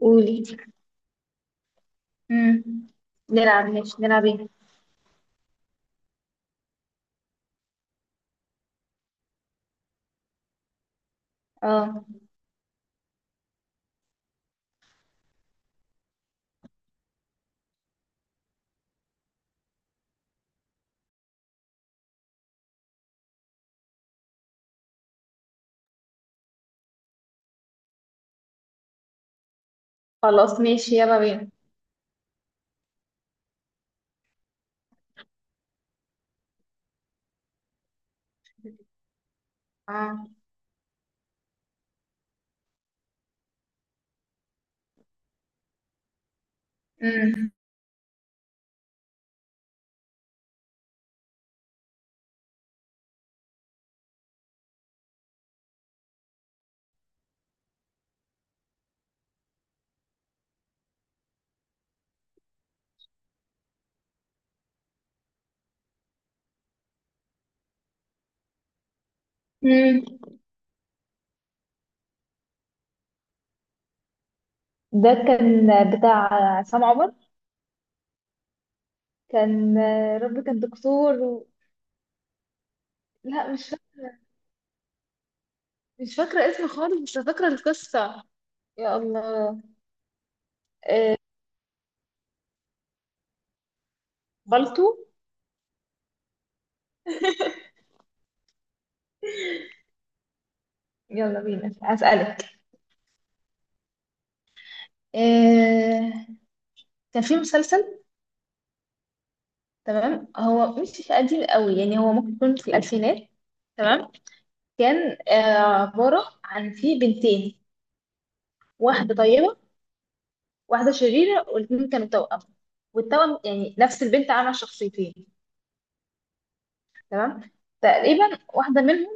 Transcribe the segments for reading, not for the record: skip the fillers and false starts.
قولي. مم. نلعب، ماشي نلعب ايه؟ اه. خلاص، ماشي يلا بينا. اه. مم. مم. ده كان بتاع عصام عمر. كان كان دكتور لا، مش فاكرة اسمه خالص، بس فاكرة القصة. يا الله. آه، بالطو. يلا بينا. هسألك. آه، كان في مسلسل. تمام، هو مش قديم قوي يعني، هو ممكن يكون في الألفينات. تمام. كان عبارة عن في بنتين، واحدة طيبة واحدة شريرة، والاتنين كانوا توأم. والتوأم يعني نفس البنت عاملة شخصيتين. تمام. تقريبا واحدة منهم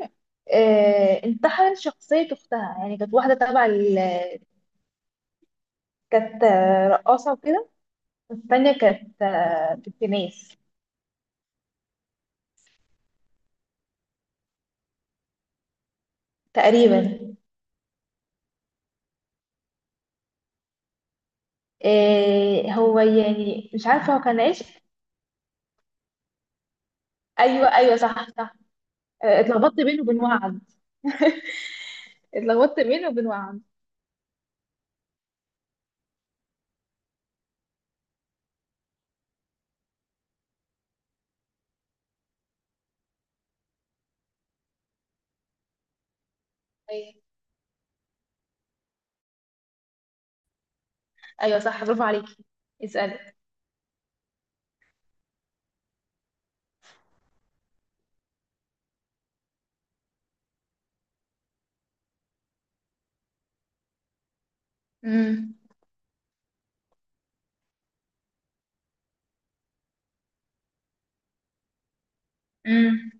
انتحلت شخصية أختها. يعني كانت واحدة تبع كانت رقاصة وكده، والتانية كانت بتنيس. تقريبا. هو يعني مش عارفة هو كان عايش. أيوه أيوه، صح صح. اتلخبطت بينه وبين وعد. اتلخبطت بينه وبين وعد. ايوه صح، برافو عليكي. اسألي. امم. امم.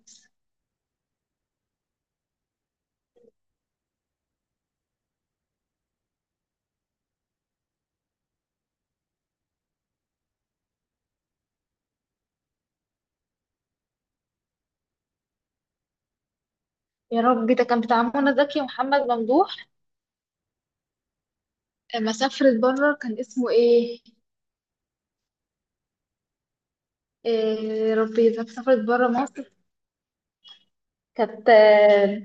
يا ربي، ده كان بتاع منى زكي ومحمد ممدوح. لما سافرت بره كان اسمه ايه؟ إيه يا ربي، لما سافرت بره مصر كانت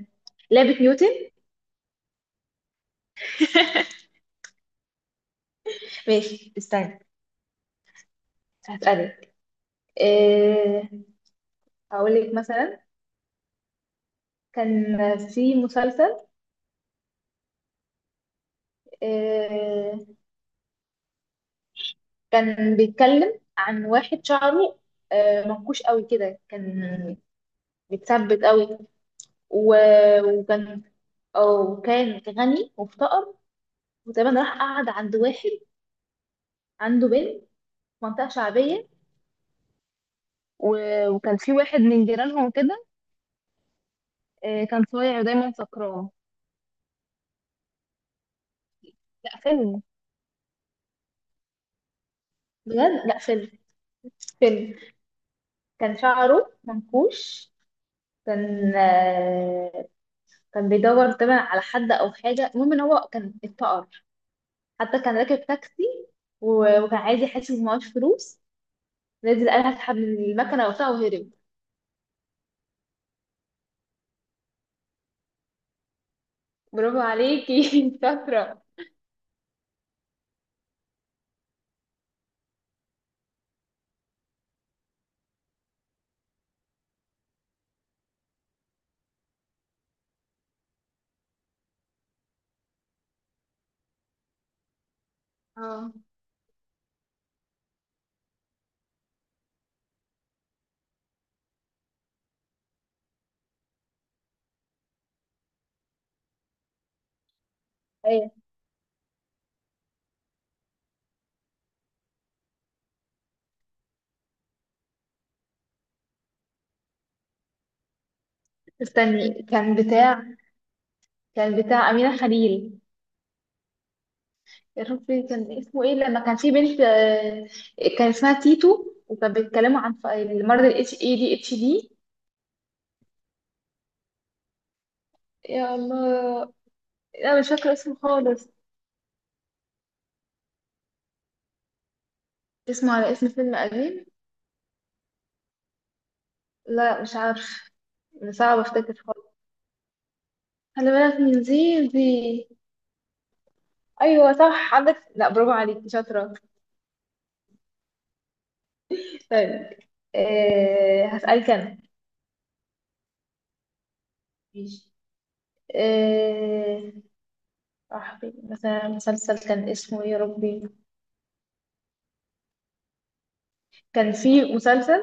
لعبة نيوتن. ماشي استني. هسألك. إيه؟ هقول لك مثلا، كان في مسلسل. إيه. كان بيتكلم عن واحد شعره منكوش قوي كده، كان متثبت قوي و... وكان. أو كان غني وافتقر، وتقريبا راح قعد عند واحد عنده بنت في منطقة شعبية و... وكان في واحد من جيرانهم كده كان صايع ودايما سكران. لا، فيلم. بجد لا، فيلم فيلم. كان شعره منكوش. كان كان بيدور طبعا على حد او حاجه. المهم ان هو كان اتفقر. حتى كان راكب تاكسي وكان عايز يحاسب ومعهوش فلوس. نزل قال هسحب من المكنه وبتاع وهرب. برافو عليكي. انت شاطرة. اه. ايه استني. كان بتاع أمينة خليل. يا ربي كان اسمه ايه لما كان في بنت؟ كان اسمها تيتو، وكانوا بيتكلموا عن المرض ال اتش اي دي اتش دي. يا الله. لا مش فاكرة اسمه خالص. اسمه على اسم فيلم قديم. لا مش عارف. صعب افتكر خالص. خلي بالك من زي دي. ايوه صح عندك، لا، برافو عليك شاطرة. طيب. هسألك انا. ماشي. إيه؟ صاحبي مثلا مسلسل كان اسمه ايه يا ربي. كان في مسلسل.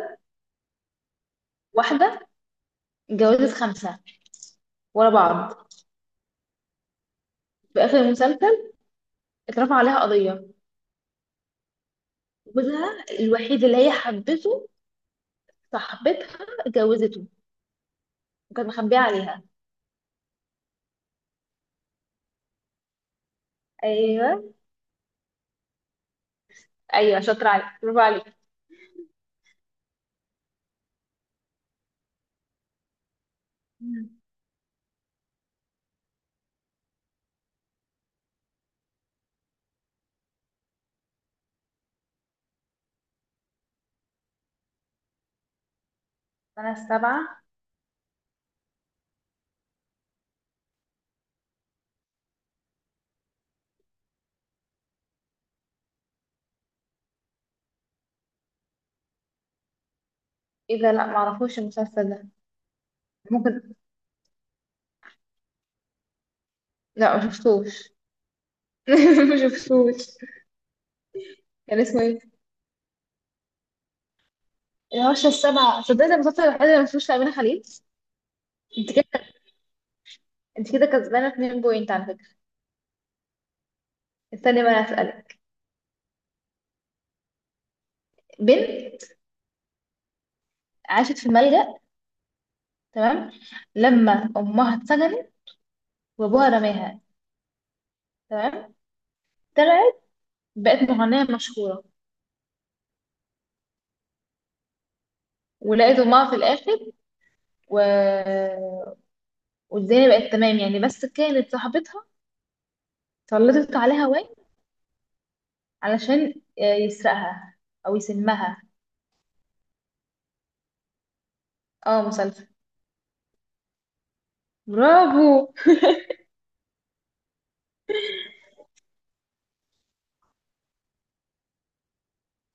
واحدة اتجوزت خمسة ورا بعض. في آخر المسلسل اترفع عليها قضية. جوزها الوحيد اللي هي حبته صاحبتها اتجوزته، وكانت مخبية عليها. ايوه ايوه، شاطرة عليك، برافو عليك. مم. أنا السبعة. ايه ده؟ لا، معرفوش المسلسل ده. ممكن. لا ما شفتوش. ما شفتوش. كان اسمه ايه؟ الهوشة السبعة. صدقت، المسلسل الوحيد اللي ما شفتوش لأمينة خليل. انت كده انت كده كسبانه 2 بوينت على فكره. استني بقى اسالك. بنت عاشت في ملجأ. تمام. لما امها اتسجنت وابوها رماها. تمام. طلعت بقت مغنيه مشهوره ولقيت امها في الاخر و... والدنيا بقت تمام يعني. بس كانت صاحبتها سلطت عليها وين علشان يسرقها او يسمها. اه، مسلسل. برافو.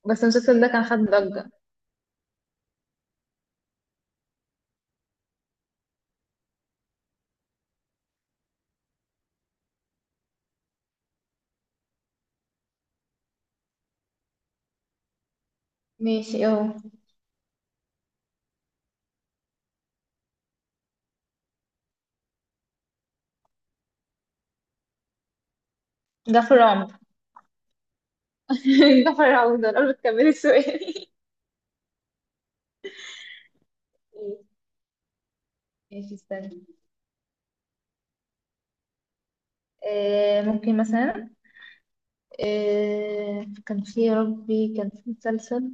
بس المسلسل ده كان خد ضجه. ماشي اهو. جعفر العمدة. جعفر العمدة. قبل تكملي السؤال، ماشي استنى. ممكن مثلا. كان في يا ربي كان في مسلسل.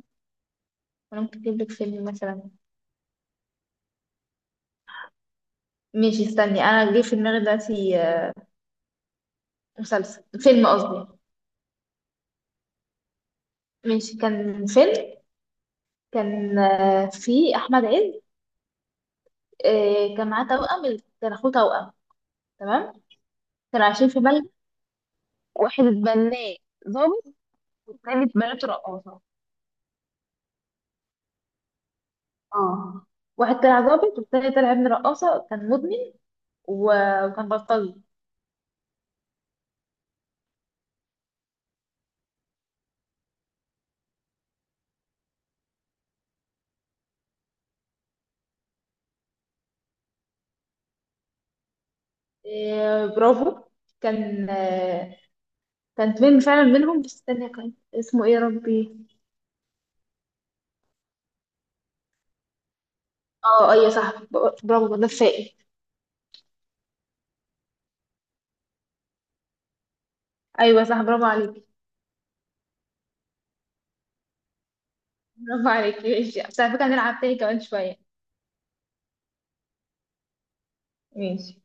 انا ممكن اجيب لك فيلم مثلا. ماشي استني، انا جه في دماغي دلوقتي. مسلسل، فيلم قصدي. ماشي كان فيلم. كان في احمد عز. كان معاه توأم. كان اخوه توأم. تمام. كانوا عايشين في بلد واحد. اتبناه ضابط، والتاني اتبنته رقاصة. اه. واحد طلع ضابط والتاني طلع ابن رقاصة كان مدمن وكان بلطجي. برافو. كان آه، كان فيلم فعلا منهم، بس استنى كان اسمه ايه يا ربي. اه ايوه صح، برافو دفائي. ايوه صح برافو عليكي. برافو عليكي. ماشي بس على فكره هنلعب تاني كمان شويه. ماشي.